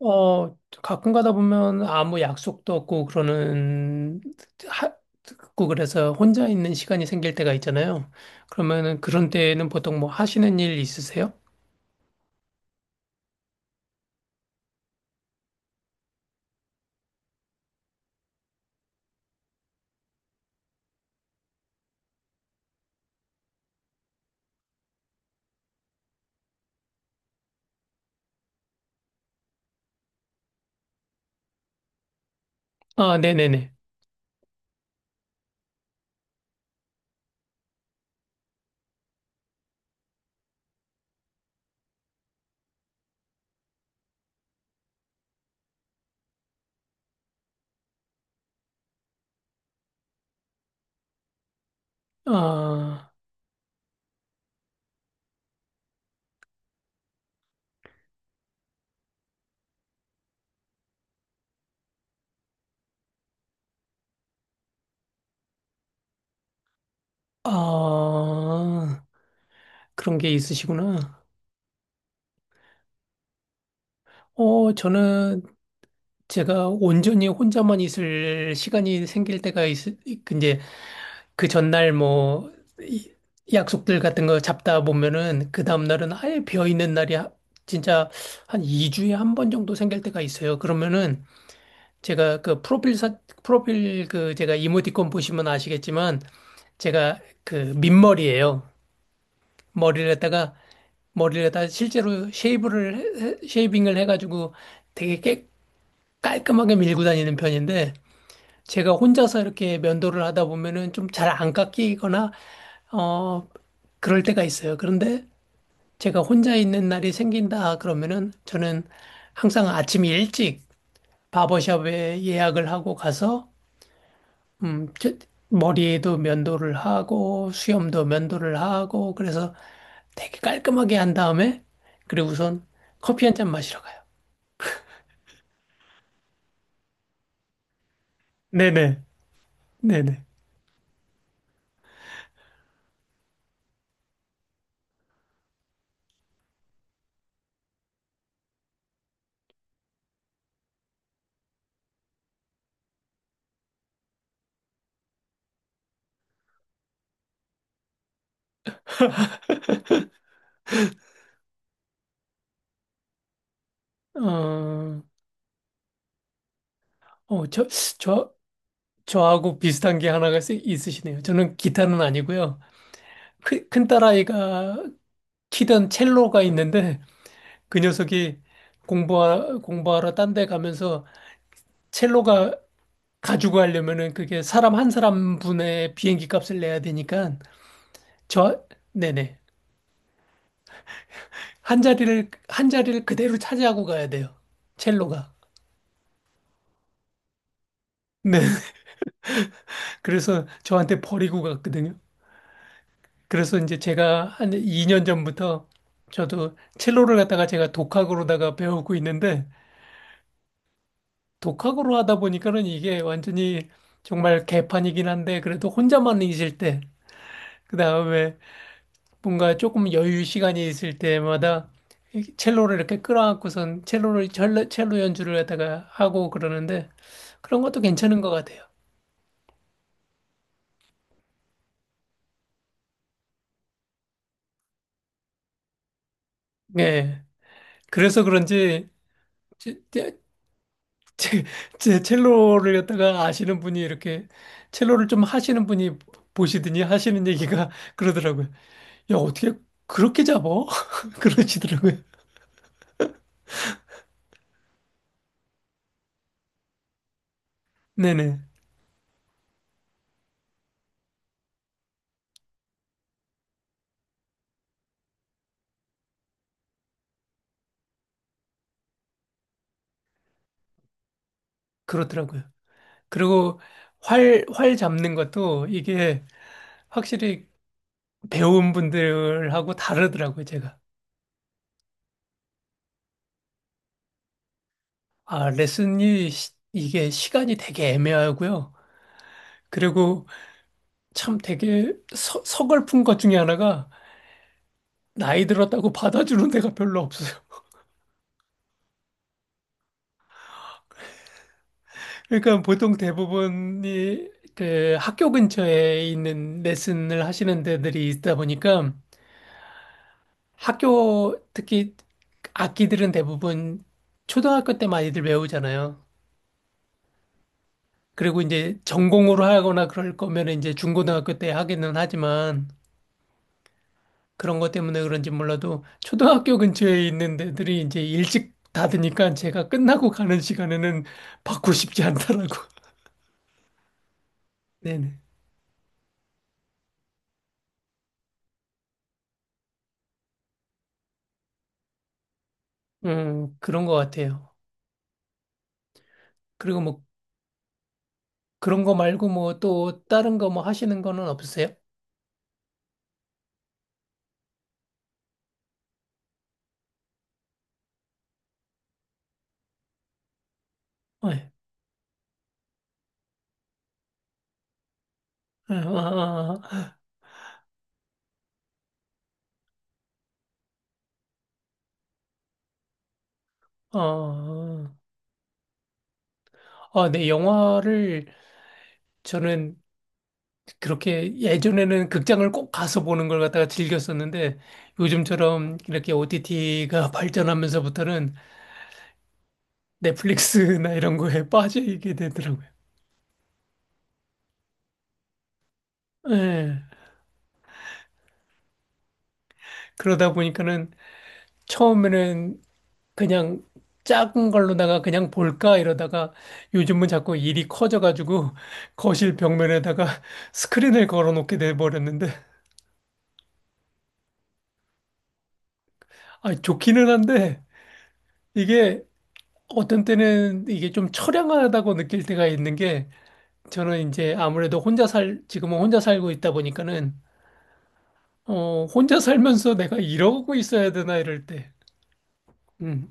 어, 가끔 가다 보면 아무 약속도 없고 그러는, 하, 고 그래서 혼자 있는 시간이 생길 때가 있잖아요. 그러면은 그런 때에는 보통 뭐 하시는 일 있으세요? 아, 네네네. 아, 아, 그런 게 있으시구나. 저는 제가 온전히 혼자만 있을 시간이 생길 때가 이제 그 전날 뭐 이- 약속들 같은 거 잡다 보면은 그 다음날은 아예 비어 있는 날이 진짜 한 2주에 한번 정도 생길 때가 있어요. 그러면은 제가 그 프로필 그 제가 이모티콘 보시면 아시겠지만 제가 그 민머리예요. 머리를 갖다가 머리를 갖다가 실제로 쉐이브를 쉐이빙을 해가지고 되게 깔끔하게 밀고 다니는 편인데 제가 혼자서 이렇게 면도를 하다 보면은 좀 잘 안 깎이거나, 어, 그럴 때가 있어요. 그런데 제가 혼자 있는 날이 생긴다 그러면은 저는 항상 아침 일찍 바버샵에 예약을 하고 가서, 음, 저- 머리에도 면도를 하고, 수염도 면도를 하고, 그래서 되게 깔끔하게 한 다음에, 그리고 우선 커피 한잔 마시러 가요. 네네, 네네. 어, 어, 저, 저, 저하고 비슷한 게 하나가 있으시네요. 저는 기타는 아니고요. 큰딸아이가 키던 첼로가 있는데 그 녀석이 공부하러 딴 데 가면서 첼로가 가지고 가려면은 그게 사람 한 사람 분의 비행기 값을 내야 되니까 저, 네네. 한 자리를 그대로 차지하고 가야 돼요. 첼로가. 네. 그래서 저한테 버리고 갔거든요. 그래서 이제 제가 한 2년 전부터 저도 첼로를 갖다가 제가 독학으로다가 배우고 있는데 독학으로 하다 보니까는 이게 완전히 정말 개판이긴 한데 그래도 혼자만 있을 때 그다음에 뭔가 조금 여유 시간이 있을 때마다 이 첼로를 이렇게 끌어안고선 첼로 연주를 갖다가 하고 그러는데 그런 것도 괜찮은 것 같아요. 예. 그래서 그런지 제, 제 첼로를 갖다가 아시는 분이 이렇게 첼로를 좀 하시는 분이 보시더니 하시는 얘기가 그러더라고요. 야, 어떻게 그렇게 잡어? 그러시더라고요. 네네. 그렇더라고요. 그리고 활 잡는 것도 이게 확실히 배운 분들하고 다르더라고요, 제가. 아, 레슨이 이게 시간이 되게 애매하고요. 그리고 참 되게 서글픈 것 중에 하나가 나이 들었다고 받아주는 데가 별로 없어요. 그러니까 보통 대부분이 그 학교 근처에 있는 레슨을 하시는 데들이 있다 보니까 학교 특히 악기들은 대부분 초등학교 때 많이들 배우잖아요. 그리고 이제 전공으로 하거나 그럴 거면 이제 중고등학교 때 하기는 하지만 그런 것 때문에 그런지 몰라도 초등학교 근처에 있는 데들이 이제 일찍 닫으니까 제가 끝나고 가는 시간에는 받고 싶지 않더라고. 네네. 그런 것 같아요. 그리고 뭐 그런 거 말고 뭐 또 다른 거 뭐 하시는 거는 없으세요? 네. 네. 아, 아, 아, 어, 어. 아, 네, 영화를 저는 그렇게 예전에는 극장을 꼭 가서 보는 걸 갖다가 즐겼었는데 요즘처럼 이렇게 OTT가 발전하면서부터는 넷플릭스나 이런 거에 빠지게 되더라고요. 예. 그러다 보니까는 처음에는 그냥 작은 걸로다가 그냥 볼까 이러다가 요즘은 자꾸 일이 커져가지고 거실 벽면에다가 스크린을 걸어놓게 돼버렸는데 아 좋기는 한데 이게 어떤 때는 이게 좀 처량하다고 느낄 때가 있는 게 저는 이제 아무래도 혼자 살 지금은 혼자 살고 있다 보니까는 어 혼자 살면서 내가 이러고 있어야 되나 이럴 때 음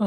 어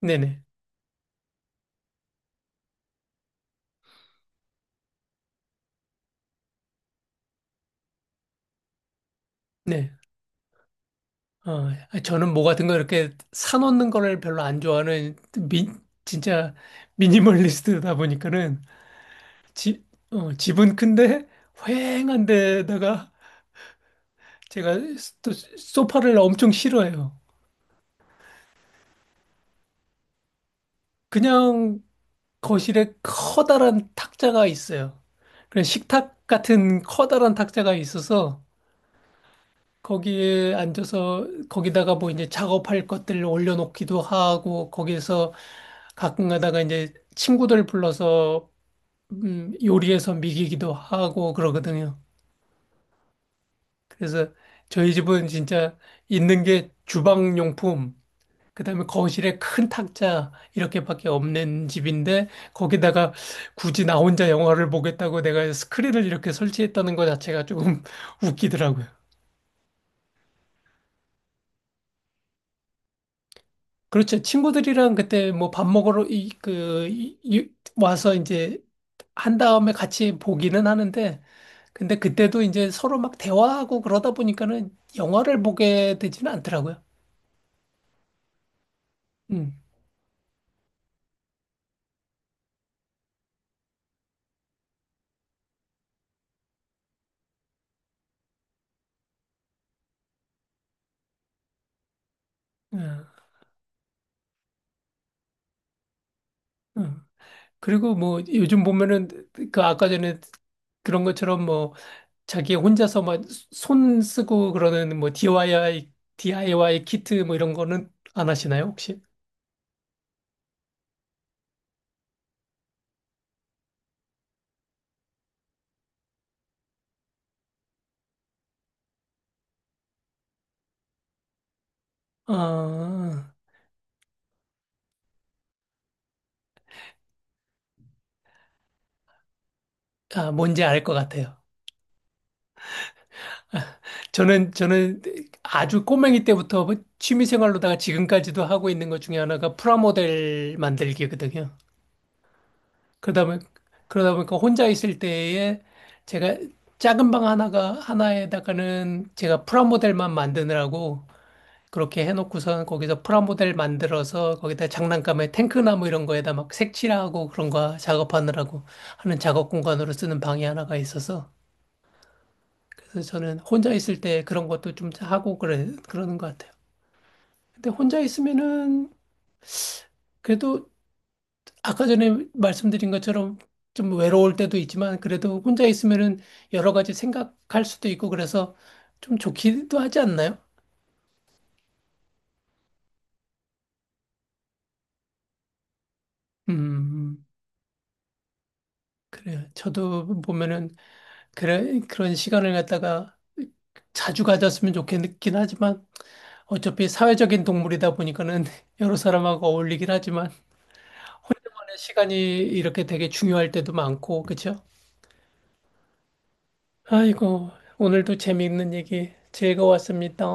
네네 네. 저는 뭐 같은 거 이렇게 사놓는 거를 별로 안 좋아하는 진짜 미니멀리스트다 보니까는 집, 집은 큰데 휑한 데다가 제가 또 소파를 엄청 싫어해요. 그냥 거실에 커다란 탁자가 있어요. 그런 식탁 같은 커다란 탁자가 있어서 거기에 앉아서 거기다가 뭐 이제 작업할 것들을 올려놓기도 하고 거기에서 가끔 가다가 이제 친구들 불러서 요리해서 미기기도 하고 그러거든요. 그래서 저희 집은 진짜 있는 게 주방용품, 그다음에 거실에 큰 탁자 이렇게밖에 없는 집인데 거기다가 굳이 나 혼자 영화를 보겠다고 내가 스크린을 이렇게 설치했다는 것 자체가 조금 웃기더라고요. 그렇죠. 친구들이랑 그때 뭐 밥 먹으러 이, 그, 이, 이- 와서 이제 한 다음에 같이 보기는 하는데, 근데 그때도 이제 서로 막 대화하고 그러다 보니까는 영화를 보게 되지는 않더라고요. 음, 음, 음. 그리고 뭐 요즘 보면은 그 아까 전에 그런 것처럼 뭐 자기 혼자서 막 손 쓰고 그러는 뭐 DIY 키트 뭐 이런 거는 안 하시나요, 혹시? 아, 아, 뭔지 알 것 같아요. 저는 아주 꼬맹이 때부터 취미 생활로다가 지금까지도 하고 있는 것 중에 하나가 프라모델 만들기거든요. 그러다 보니, 그러다 보니까 혼자 있을 때에 제가 작은 방 하나에다가는 제가 프라모델만 만드느라고 그렇게 해놓고선 거기서 프라모델 만들어서 거기다 장난감에 탱크나무 이런 거에다 막 색칠하고 그런 거 작업하느라고 하는 작업 공간으로 쓰는 방이 하나가 있어서 그래서 저는 혼자 있을 때 그런 것도 좀 하고 그러는 것 같아요. 근데 혼자 있으면은 그래도 아까 전에 말씀드린 것처럼 좀 외로울 때도 있지만 그래도 혼자 있으면은 여러 가지 생각할 수도 있고 그래서 좀 좋기도 하지 않나요? 음, 그래요. 저도 보면은 그래, 그런 시간을 갖다가 자주 가졌으면 좋겠긴 하지만 어차피 사회적인 동물이다 보니까는 여러 사람하고 어울리긴 하지만 시간이 이렇게 되게 중요할 때도 많고, 그렇죠? 아이고, 오늘도 재미있는 얘기 즐거웠습니다.